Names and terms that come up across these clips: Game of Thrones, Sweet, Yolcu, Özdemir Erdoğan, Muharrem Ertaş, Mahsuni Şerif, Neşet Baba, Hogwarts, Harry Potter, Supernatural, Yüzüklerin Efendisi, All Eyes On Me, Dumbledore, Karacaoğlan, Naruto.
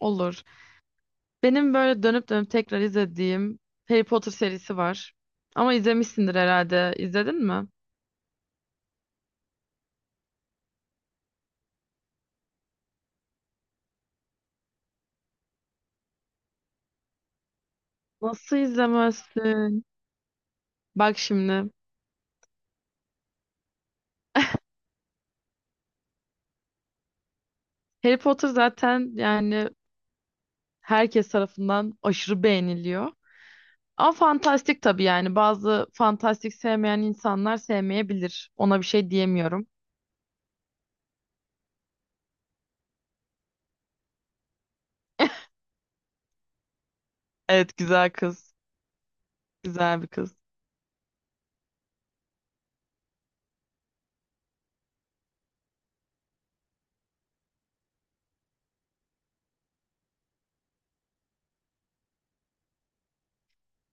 Olur. Benim böyle dönüp dönüp tekrar izlediğim Harry Potter serisi var. Ama izlemişsindir herhalde. İzledin mi? Nasıl izlemezsin? Bak şimdi. Harry Potter zaten yani herkes tarafından aşırı beğeniliyor. Ama fantastik tabii yani. Bazı fantastik sevmeyen insanlar sevmeyebilir. Ona bir şey diyemiyorum. Evet, güzel kız. Güzel bir kız.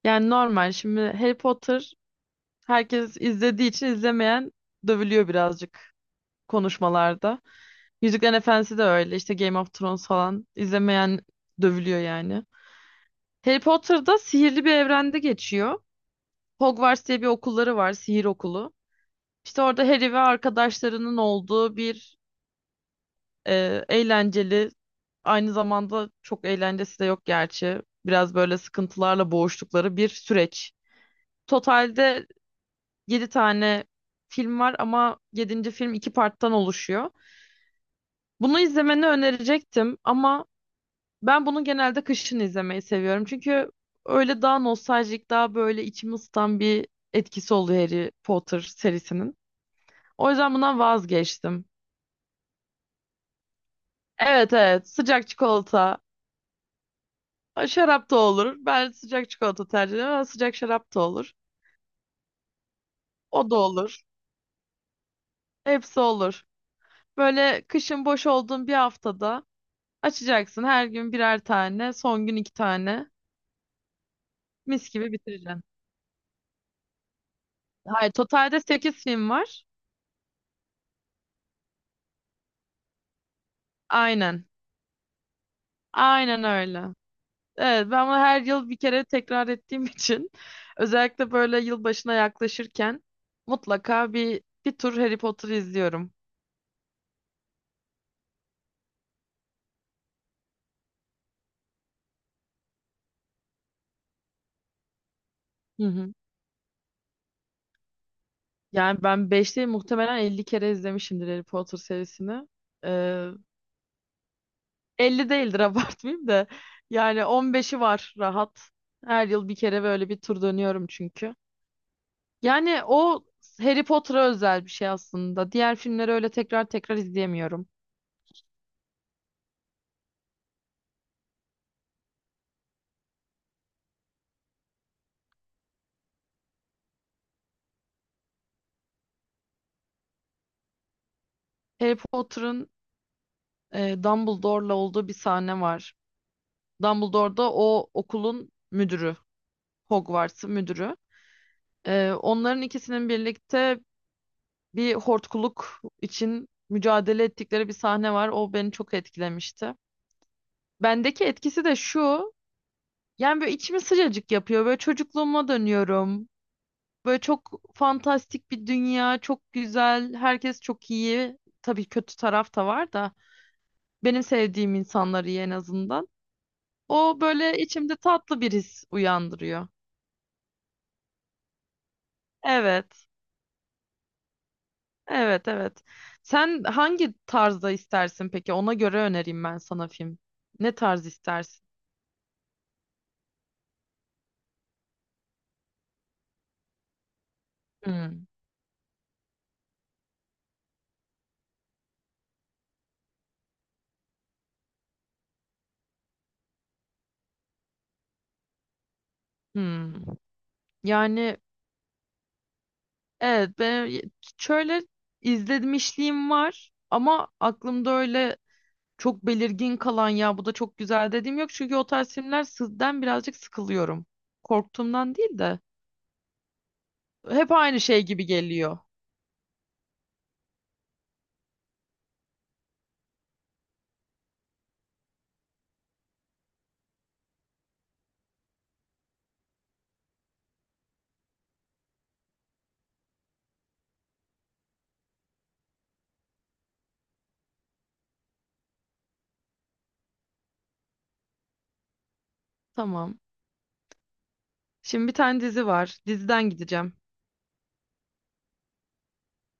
Yani normal. Şimdi Harry Potter herkes izlediği için izlemeyen dövülüyor birazcık konuşmalarda. Yüzüklerin Efendisi de öyle. İşte Game of Thrones falan. İzlemeyen dövülüyor yani. Harry Potter'da sihirli bir evrende geçiyor. Hogwarts diye bir okulları var, sihir okulu. İşte orada Harry ve arkadaşlarının olduğu bir eğlenceli, aynı zamanda çok eğlencesi de yok gerçi. Biraz böyle sıkıntılarla boğuştukları bir süreç. Totalde 7 tane film var ama yedinci film iki parttan oluşuyor. Bunu izlemeni önerecektim ama ben bunu genelde kışın izlemeyi seviyorum. Çünkü öyle daha nostaljik, daha böyle içimi ısıtan bir etkisi oluyor Harry Potter serisinin. O yüzden bundan vazgeçtim. Evet, evet, sıcak çikolata. Ha, şarap da olur. Ben sıcak çikolata tercih ediyorum ama sıcak şarap da olur. O da olur. Hepsi olur. Böyle kışın boş olduğun bir haftada açacaksın. Her gün birer tane, son gün iki tane. Mis gibi bitireceksin. Hayır, totalde 8 film var. Aynen. Aynen öyle. Evet, ben bunu her yıl bir kere tekrar ettiğim için özellikle böyle yılbaşına yaklaşırken mutlaka bir tur Harry Potter izliyorum. Hı hı. Yani ben 5 değil, muhtemelen 50 kere izlemişimdir Harry Potter serisini. Ee, 50 değildir abartmayayım da, yani 15'i var rahat. Her yıl bir kere böyle bir tur dönüyorum çünkü. Yani o Harry Potter'a özel bir şey aslında. Diğer filmleri öyle tekrar tekrar izleyemiyorum. Harry Potter'ın Dumbledore'la olduğu bir sahne var. Dumbledore da o okulun müdürü, Hogwarts'ın müdürü. Onların ikisinin birlikte bir hortkuluk için mücadele ettikleri bir sahne var. O beni çok etkilemişti. Bendeki etkisi de şu. Yani böyle içimi sıcacık yapıyor. Böyle çocukluğuma dönüyorum. Böyle çok fantastik bir dünya, çok güzel, herkes çok iyi. Tabii kötü taraf da var da benim sevdiğim insanlar iyi en azından. O böyle içimde tatlı bir his uyandırıyor. Evet, evet, evet. Sen hangi tarzda istersin peki? Ona göre önereyim ben sana film. Ne tarz istersin? Hmm, hmm. Yani evet, ben şöyle izlemişliğim var ama aklımda öyle çok belirgin kalan ya bu da çok güzel dediğim yok. Çünkü o tarz filmler sizden birazcık sıkılıyorum. Korktuğumdan değil de hep aynı şey gibi geliyor. Tamam. Şimdi bir tane dizi var. Diziden gideceğim.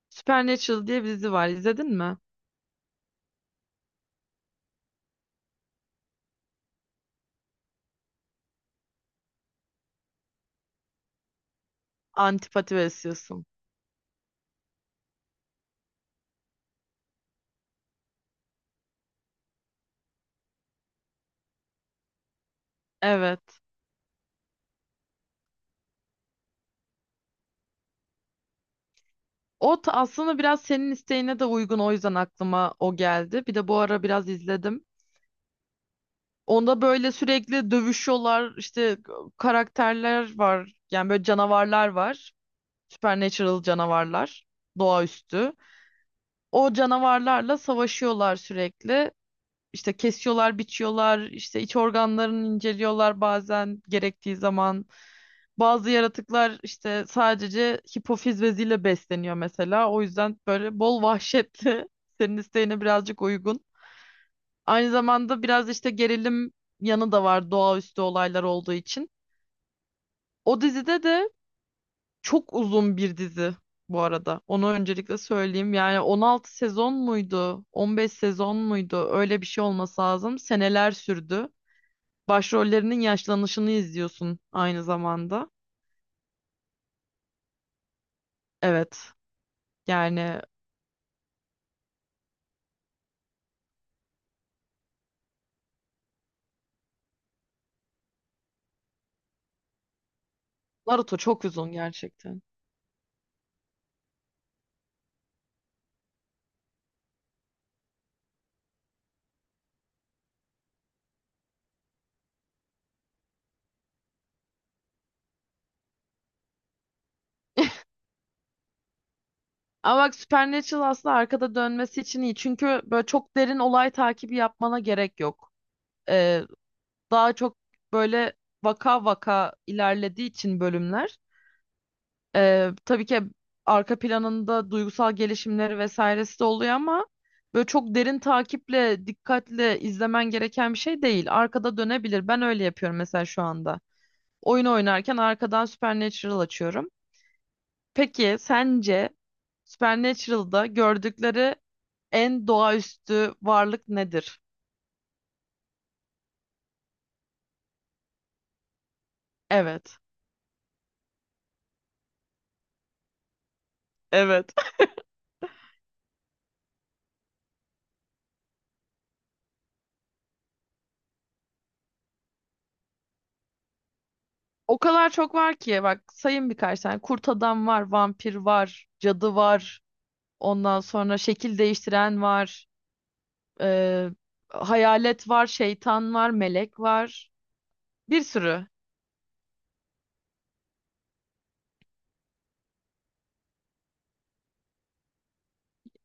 Supernatural diye bir dizi var. İzledin mi? Antipati besliyorsun. Evet. O aslında biraz senin isteğine de uygun. O yüzden aklıma o geldi. Bir de bu ara biraz izledim. Onda böyle sürekli dövüşüyorlar. İşte karakterler var. Yani böyle canavarlar var. Supernatural canavarlar. Doğaüstü. O canavarlarla savaşıyorlar sürekli. İşte kesiyorlar, biçiyorlar, işte iç organlarını inceliyorlar bazen gerektiği zaman. Bazı yaratıklar işte sadece hipofiz beziyle besleniyor mesela. O yüzden böyle bol vahşetli, senin isteğine birazcık uygun. Aynı zamanda biraz işte gerilim yanı da var doğaüstü olaylar olduğu için. O dizide de, çok uzun bir dizi bu arada, onu öncelikle söyleyeyim. Yani 16 sezon muydu? 15 sezon muydu? Öyle bir şey olması lazım. Seneler sürdü. Başrollerinin yaşlanışını izliyorsun aynı zamanda. Evet. Yani Naruto çok uzun gerçekten. Ama bak Supernatural aslında arkada dönmesi için iyi. Çünkü böyle çok derin olay takibi yapmana gerek yok. Ee, Daha çok böyle vaka vaka ilerlediği için bölümler. Tabii ki arka planında duygusal gelişimleri vesairesi de oluyor ama böyle çok derin takiple, dikkatle izlemen gereken bir şey değil. Arkada dönebilir. Ben öyle yapıyorum mesela şu anda. Oyun oynarken arkadan Supernatural açıyorum. Peki sence Supernatural'da gördükleri en doğaüstü varlık nedir? Evet. Evet. O kadar çok var ki, bak sayın birkaç tane. Kurt adam var, vampir var, cadı var. Ondan sonra şekil değiştiren var. e, Hayalet var, şeytan var, melek var. Bir sürü.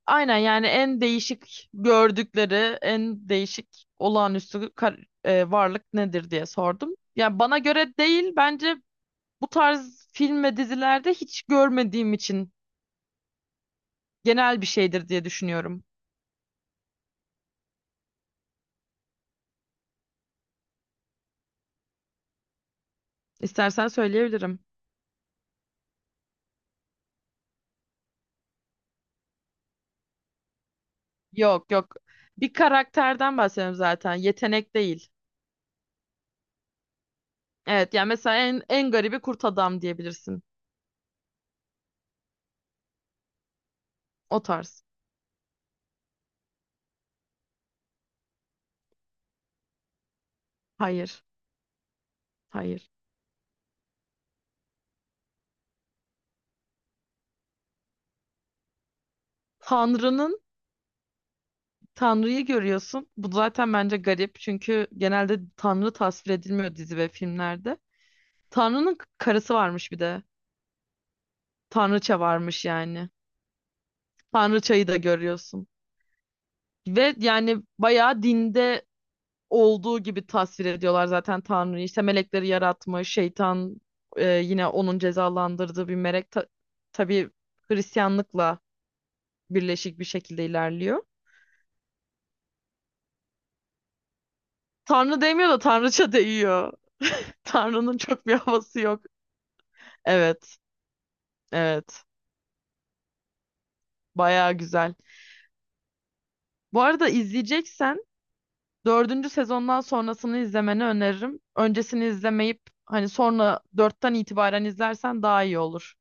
Aynen, yani en değişik gördükleri, en değişik olağanüstü kar- e, varlık nedir diye sordum. Yani bana göre değil, bence bu tarz film ve dizilerde hiç görmediğim için genel bir şeydir diye düşünüyorum. İstersen söyleyebilirim. Yok, yok. Bir karakterden bahsediyorum zaten. Yetenek değil. Evet, yani mesela en garibi kurt adam diyebilirsin. O tarz. Hayır. Hayır. Tanrı'nın Tanrı'yı görüyorsun. Bu zaten bence garip çünkü genelde Tanrı tasvir edilmiyor dizi ve filmlerde. Tanrı'nın karısı varmış bir de. Tanrıça varmış yani. Tanrıçayı da görüyorsun. Ve yani bayağı dinde olduğu gibi tasvir ediyorlar zaten Tanrı'yı. İşte melekleri yaratmış, şeytan yine onun cezalandırdığı bir melek. Tabii Hristiyanlıkla birleşik bir şekilde ilerliyor. Tanrı demiyor da Tanrıça değiyor. Tanrı'nın çok bir havası yok. Evet. Evet. Bayağı güzel. Bu arada izleyeceksen dördüncü sezondan sonrasını izlemeni öneririm. Öncesini izlemeyip hani sonra dörtten itibaren izlersen daha iyi olur.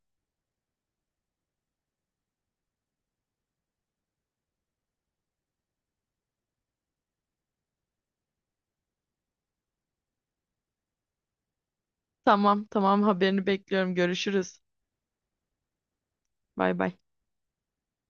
Tamam, tamam, haberini bekliyorum. Görüşürüz. Bay bay.